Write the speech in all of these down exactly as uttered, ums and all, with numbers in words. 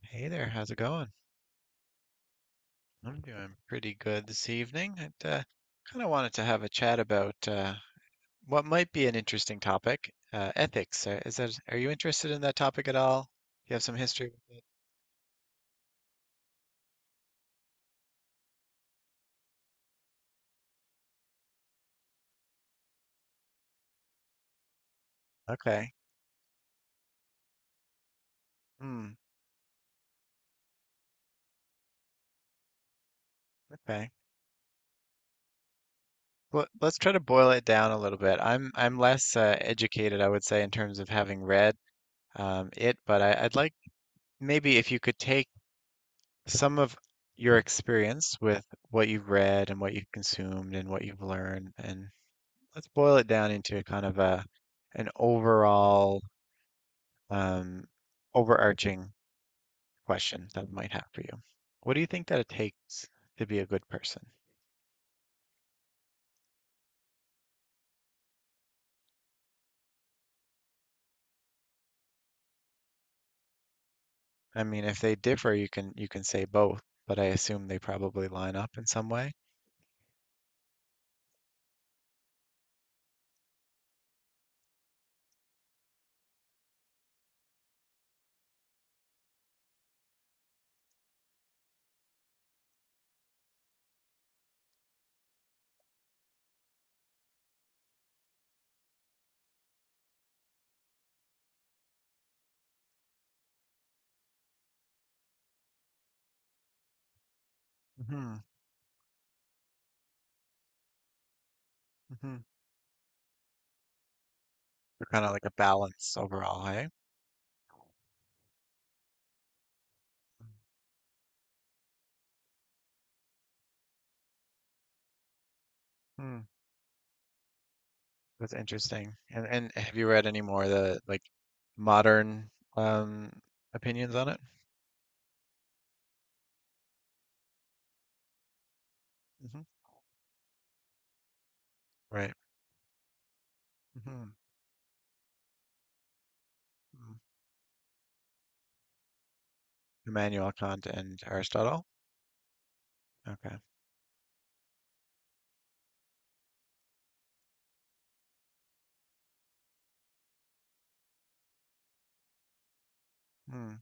Hey there, how's it going? I'm doing pretty good this evening. I uh, kind of wanted to have a chat about uh, what might be an interesting topic, uh, ethics. Uh, Is that, are you interested in that topic at all? Do you have some history with it? Okay. Hmm. Okay. Well, let's try to boil it down a little bit. I'm I'm less uh, educated, I would say, in terms of having read um, it, but I, I'd like maybe if you could take some of your experience with what you've read and what you've consumed and what you've learned and let's boil it down into a kind of a an overall um, overarching question that I might have for you. What do you think that it takes to be a good person? I mean, if they differ, you can you can say both, but I assume they probably line up in some way. hmm hmm Kind of like a balance overall, hey? Hmm. That's interesting. And and have you read any more of the like modern um opinions on it? Hmm. Right. Hmm. Mm. Immanuel Kant and Aristotle. Okay. Mm.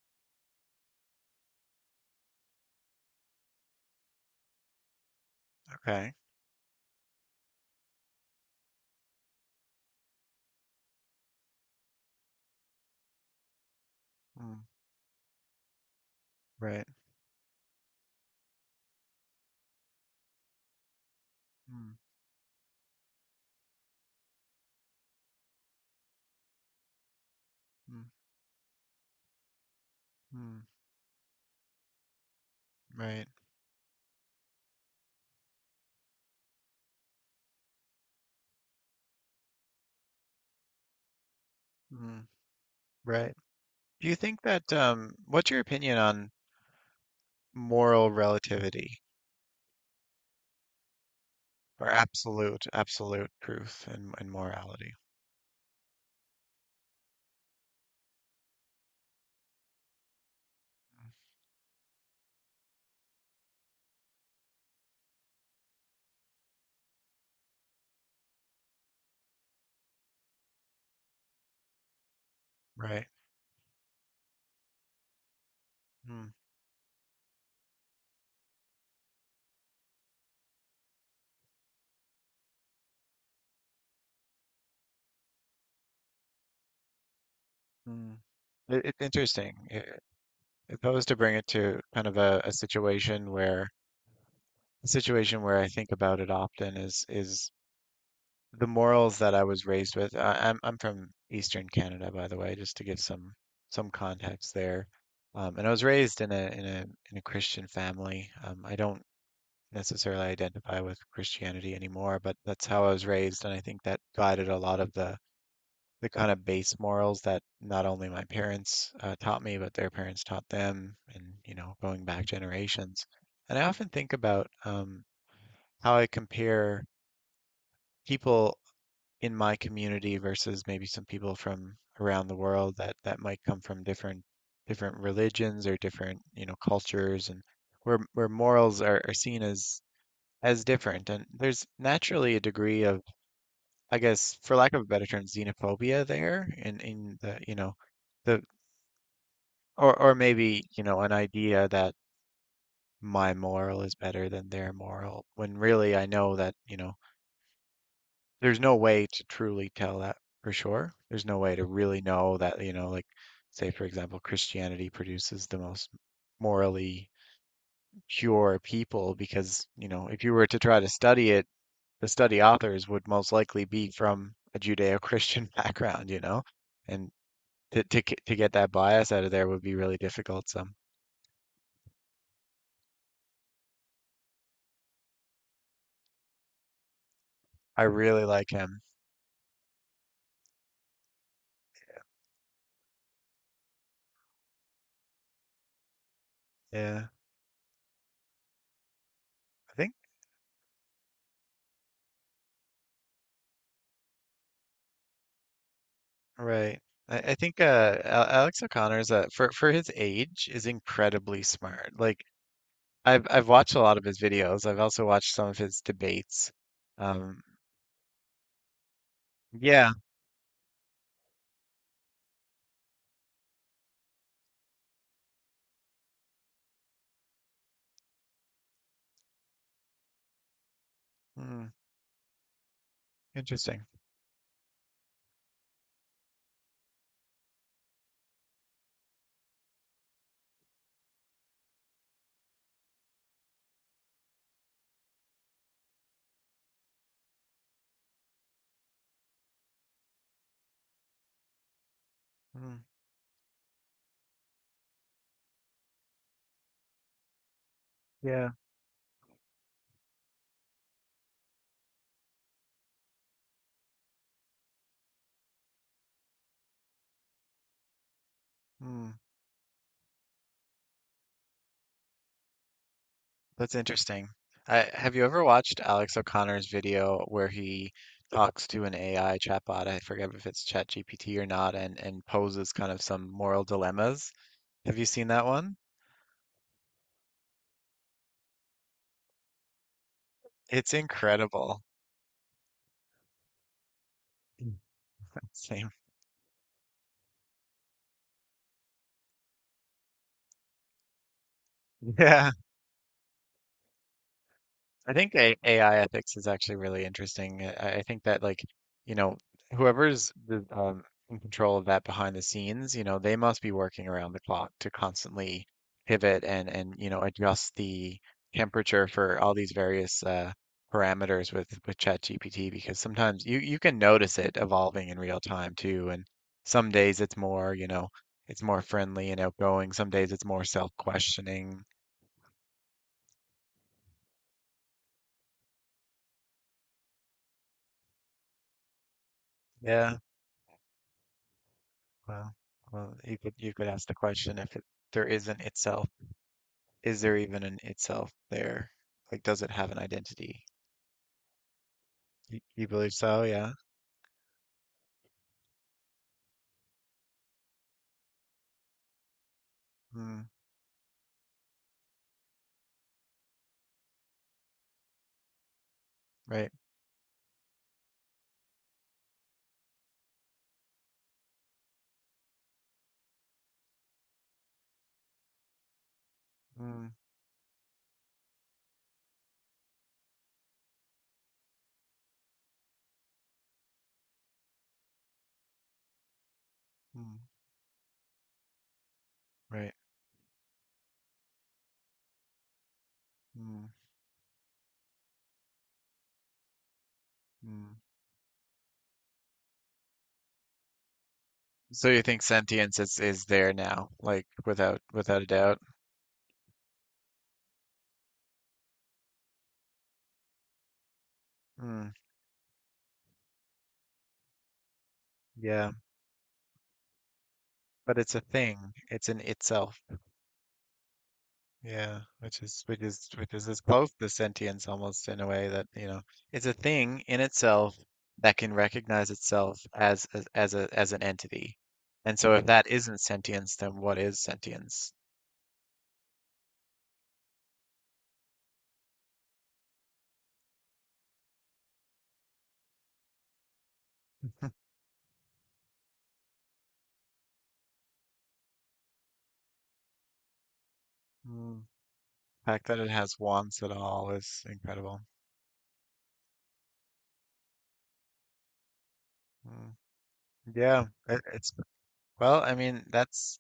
Okay. Mm. Right. Mm. Mm. Mm. Right. Mm. Right. Do you think that um what's your opinion on moral relativity or absolute absolute truth and, and morality? Hmm. Right. Mm. Mm. It, it's interesting. If I was to bring it to kind of a, a situation where a situation where I think about it often is is the morals that I was raised with. I, I'm I'm from Eastern Canada, by the way, just to give some some context there. Um, and I was raised in a in a in a Christian family. Um, I don't necessarily identify with Christianity anymore, but that's how I was raised, and I think that guided a lot of the the kind of base morals that not only my parents uh, taught me, but their parents taught them, and you know, going back generations. And I often think about um, how I compare people in my community versus maybe some people from around the world that that might come from different different religions or different you know cultures, and where where morals are, are seen as as different. And there's naturally a degree of, I guess, for lack of a better term, xenophobia there in in the you know the. Or or maybe, you know, an idea that my moral is better than their moral, when really I know that, you know, there's no way to truly tell that for sure. There's no way to really know that, you know, like say for example, Christianity produces the most morally pure people because, you know, if you were to try to study it, the study authors would most likely be from a Judeo-Christian background, you know? And to to get- to get that bias out of there would be really difficult. So I really like him. Yeah. I think right. I, I think uh, Al- Alex O'Connor's uh, for for his age is incredibly smart. Like I've I've watched a lot of his videos. I've also watched some of his debates. Um, yeah. Hmm, interesting. Hmm, yeah. Hmm, that's interesting. I, have you ever watched Alex O'Connor's video where he talks to an A I chatbot? I forget if it's ChatGPT or not, and and poses kind of some moral dilemmas. Have you seen that one? It's incredible. Same. Yeah, I think A- AI ethics is actually really interesting. uh, I, I think that like, you know, whoever's the, um, in control of that behind the scenes, you know, they must be working around the clock to constantly pivot and and you know adjust the temperature for all these various uh, parameters with with ChatGPT because sometimes you you can notice it evolving in real time too, and some days it's more, you know, it's more friendly and outgoing. Some days it's more self-questioning. Yeah, Well, well, you could you could ask the question if it, there isn't itself, is there even an itself there? Like, does it have an identity? You, you believe so? Yeah. Mm, right. Mm, mm, right. Mm, mm. So you think sentience is is there now, like without without a doubt? Mm, yeah, but it's a thing. It's an itself. Yeah, which is which is which is as close to sentience almost in a way that, you know, it's a thing in itself that can recognize itself as as, as a as an entity. And so if that isn't sentience, then what is sentience? Mm. The fact that it has wants at all is incredible. Mm. Yeah, it, it's well, I mean, that's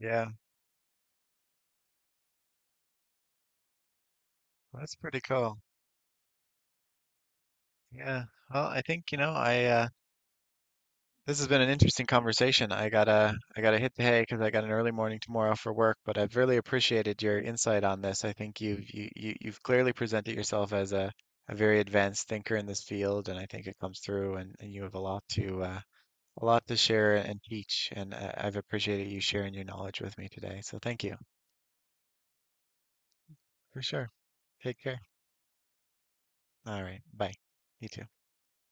yeah, that's pretty cool. Yeah. Well, I think, you know, I uh this has been an interesting conversation. I gotta I gotta hit the hay because I got an early morning tomorrow for work, but I've really appreciated your insight on this. I think you've you, you you've clearly presented yourself as a, a very advanced thinker in this field, and I think it comes through and, and you have a lot to uh, a lot to share and teach, and I, I've appreciated you sharing your knowledge with me today. So thank you. For sure. Take care. All right. Bye. You too.